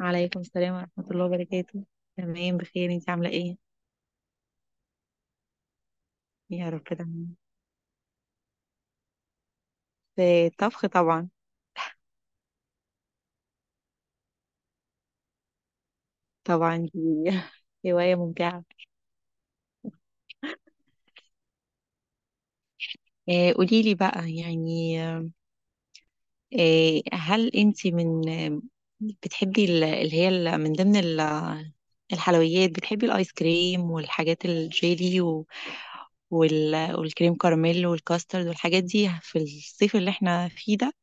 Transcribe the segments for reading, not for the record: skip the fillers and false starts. وعليكم السلام ورحمة الله وبركاته. تمام، بخير. انتي عاملة ايه؟ يا رب دايما. في الطبخ طبعا. طبعا دي هواية ممتعة. آه قولي لي بقى يعني. آه هل انتي من آه، بتحبي ال- اللي هي ال- من ضمن ال- الحلويات بتحبي الايس كريم والحاجات الجيلي والكريم كراميل والكاسترد والحاجات دي في الصيف اللي احنا فيه ده.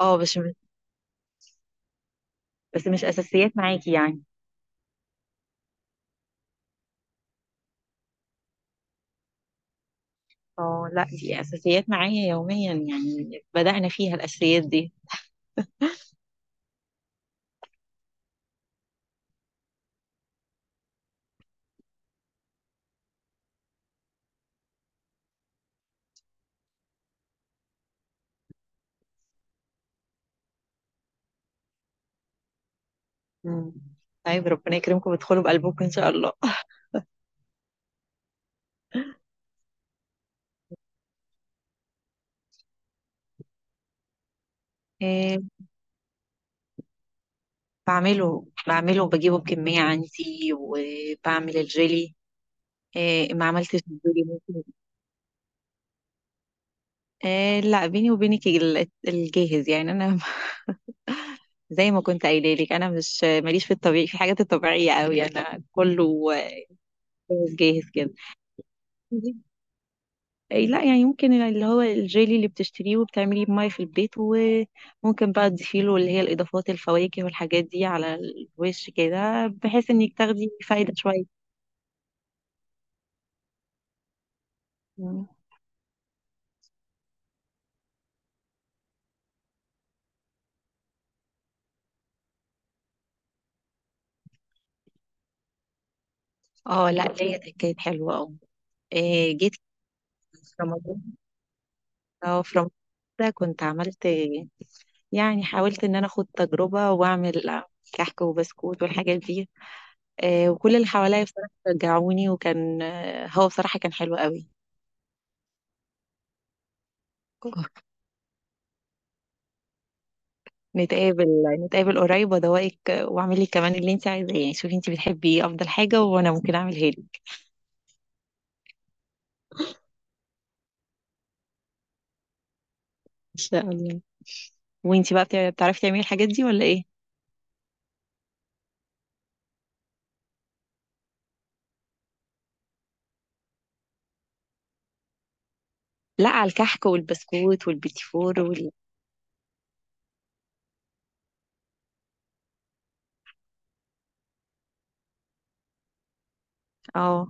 اه، بس مش اساسيات معاكي يعني. اه لا، دي اساسيات معايا يوميا، يعني بدأنا فيها الاساسيات دي. مم. طيب ربنا يكرمكم وتدخلوا بقلبكم ان شاء الله. إيه، بعمله وبجيبه بكمية عندي، وبعمل الجيلي. إيه، ما عملتش الجيلي ممكن. إيه، لا، بيني وبينك الجاهز يعني انا زي ما كنت قايله لك، انا مش ماليش في الطبيعي، في حاجات الطبيعيه قوي، انا كله جاهز جاهز كده. إيه، لا يعني ممكن اللي هو الجيلي اللي بتشتريه وبتعمليه بمية في البيت، وممكن بقى تضيفيله اللي هي الإضافات، الفواكه والحاجات دي على الوش كده، بحيث إنك تاخدي فايدة شوية. مم. اه لا، ليا، ده كانت حلوة اه. إيه، جيت في رمضان. اه، في رمضان ده كنت عملت، يعني حاولت إن أنا أخد تجربة وأعمل كحك وبسكوت والحاجات دي. إيه، وكل اللي حواليا بصراحة شجعوني، وكان هو بصراحة كان حلو قوي. نتقابل نتقابل قريب وادوقك، واعمل لك كمان اللي انت عايزاه، يعني شوفي انت بتحبي ايه افضل حاجه وانا ممكن اعملها لك ان شاء الله. وانت بقى بتعرفي تعملي الحاجات دي ولا ايه؟ لا، على الكحك والبسكوت والبيتي فور وال... اه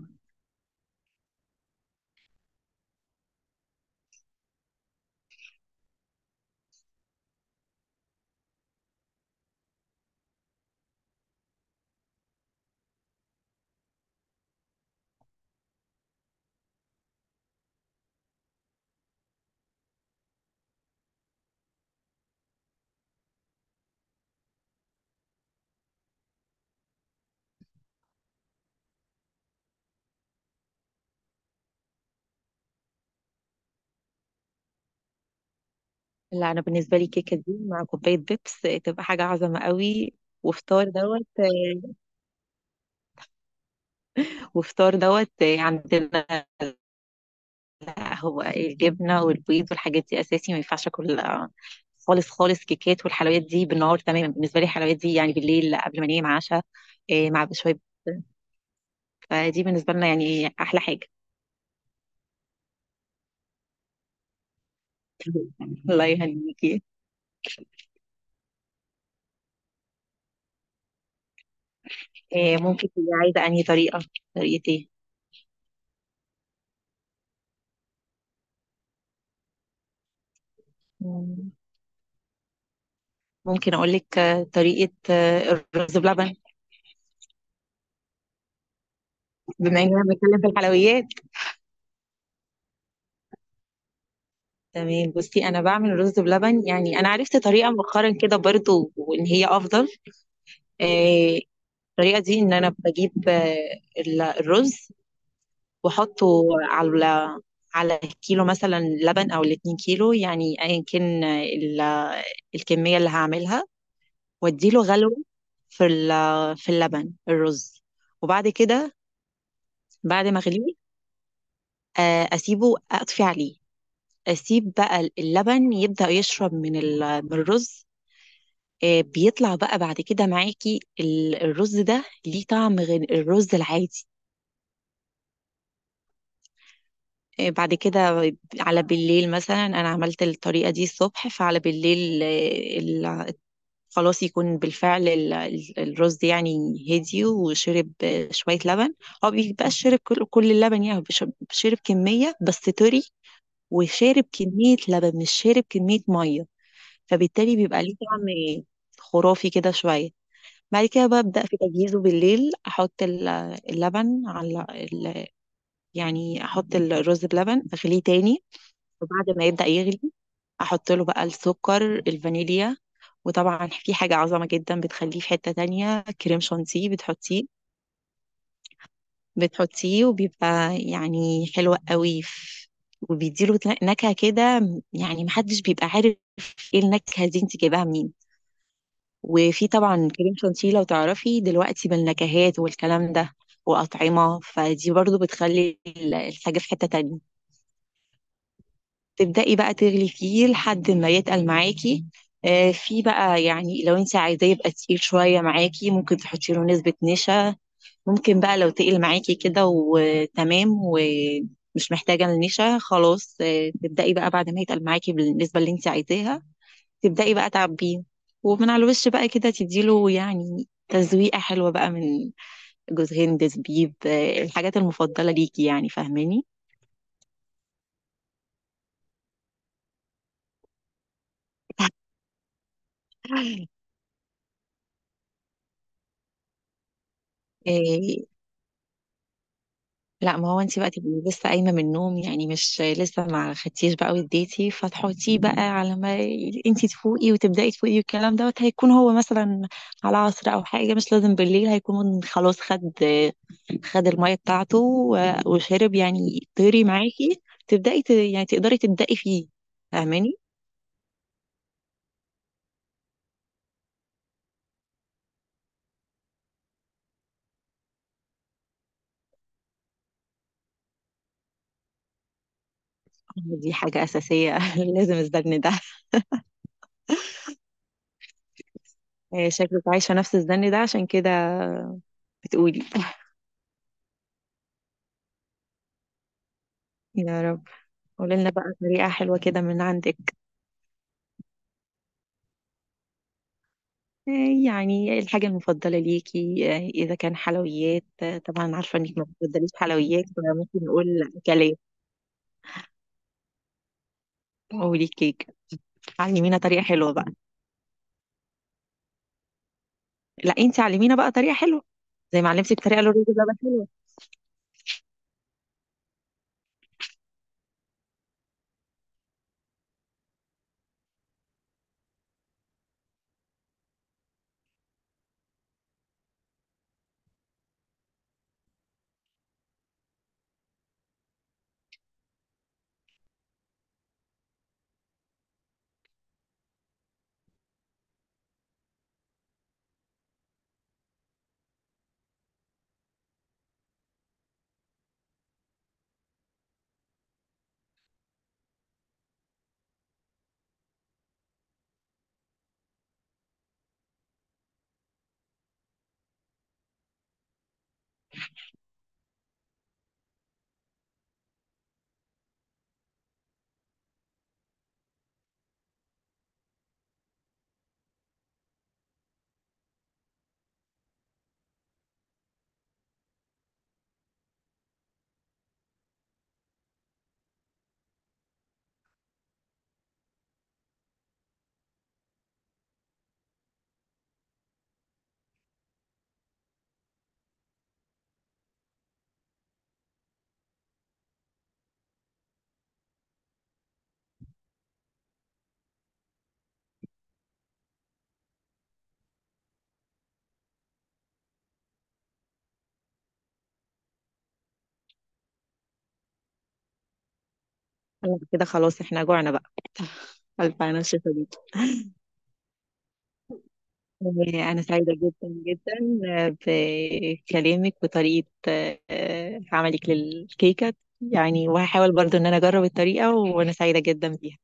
لا، انا بالنسبه لي كيكه دي مع كوبايه بيبس تبقى حاجه عظمه قوي. وفطار دوت وفطار دوت عندنا. لا هو إيه، الجبنة والبيض والحاجات دي أساسي، ما ينفعش أكل خالص خالص كيكات والحلويات دي بالنهار. تماما بالنسبة لي الحلويات دي يعني بالليل قبل ما أنام عشاء، مع بشوية. فدي بالنسبة لنا يعني أحلى حاجة. الله يهنيكي. ممكن تبقي عايزة أنهي طريقة. طريقة إيه؟ مم، ممكن أقول لك طريقة الرز بلبن، بما إننا بنتكلم في الحلويات. تمام بصي، أنا بعمل رز بلبن، يعني أنا عرفت طريقة مؤخرا كده برضو وإن هي أفضل. آه، الطريقه دي ان انا بجيب الرز، واحطه على كيلو مثلا لبن او الاتنين كيلو، يعني ايا كان الكميه اللي هعملها، واديله غلو في اللبن الرز. وبعد كده، بعد ما اغليه اسيبه، اطفي عليه، اسيب بقى اللبن يبدأ يشرب من الرز. بيطلع بقى بعد كده معاكي الرز ده ليه طعم غير الرز العادي. إيه، بعد كده على بالليل مثلا انا عملت الطريقه دي الصبح، فعلى بالليل إيه، خلاص يكون بالفعل الرز يعني هدي وشرب شويه لبن. هو بيبقاش شرب كل اللبن، يعني هو شرب كميه بس طري، وشارب كميه لبن مش شارب كميه ميه. فبالتالي بيبقى ليه طعم خرافي كده شويه. بعد كده ببدأ في تجهيزه بالليل، أحط اللبن يعني أحط الرز بلبن، أغليه تاني، وبعد ما يبدأ يغلي احط له بقى السكر، الفانيليا. وطبعا في حاجة عظمة جدا بتخليه في حتة تانية، كريم شانتيه، بتحطيه وبيبقى يعني حلو قوي. وبيديله نكهة كده، يعني محدش بيبقى عارف ايه النكهة دي انت جايباها منين. وفي طبعا كريم شانتيه لو تعرفي دلوقتي بالنكهات والكلام ده، وأطعمة، فدي برضو بتخلي الحاجة في حتة تانية. تبدأي بقى تغلي فيه لحد ما يتقل معاكي. في بقى يعني لو انت عايزاه يبقى تقيل شوية معاكي، ممكن تحطي له نسبة نشا. ممكن بقى لو تقل معاكي كده وتمام، ومش محتاجة النشا خلاص، تبدأي بقى بعد ما يتقل معاكي بالنسبة اللي انت عايزاها، تبدأي بقى تعبيه، ومن على الوش بقى كده تديله يعني تزويقة حلوة بقى من جوز هند، زبيب، الحاجات المفضلة ليكي، يعني فاهماني. آه، لا ما هو انت بقى تبقي لسه قايمه من النوم، يعني مش لسه ما خدتيش بقى وديتي، فتحطيه بقى على ما انت تفوقي وتبداي تفوقي، والكلام دوت هيكون هو مثلا على عصر او حاجه، مش لازم بالليل، هيكون خلاص، خد الميه بتاعته و- وشرب، يعني طيري معاكي يعني تقدري تبداي فيه. فاهماني. دي حاجه اساسيه. لازم الزن ده. شكلك عايشه نفس الزن ده عشان كده بتقولي. يا رب. قولي لنا بقى طريقه حلوه كده من عندك. آه، يعني الحاجة المفضلة ليكي، إذا كان حلويات، طبعا عارفة إنك ما بتفضليش حلويات، فممكن نقول أكلات. قولي كيك، علمينا طريقة حلوة بقى. لا أنت علمينا بقى طريقة حلوة، زي ما علمتك طريقة للرز بلبن حلوة. أنا كده خلاص، إحنا جوعنا بقى. ألف، أنا شايفة بيك. أنا سعيدة جدا جدا بكلامك وطريقة عملك للكيكة، يعني وهحاول برضو إن أنا أجرب الطريقة، وأنا سعيدة جدا بيها.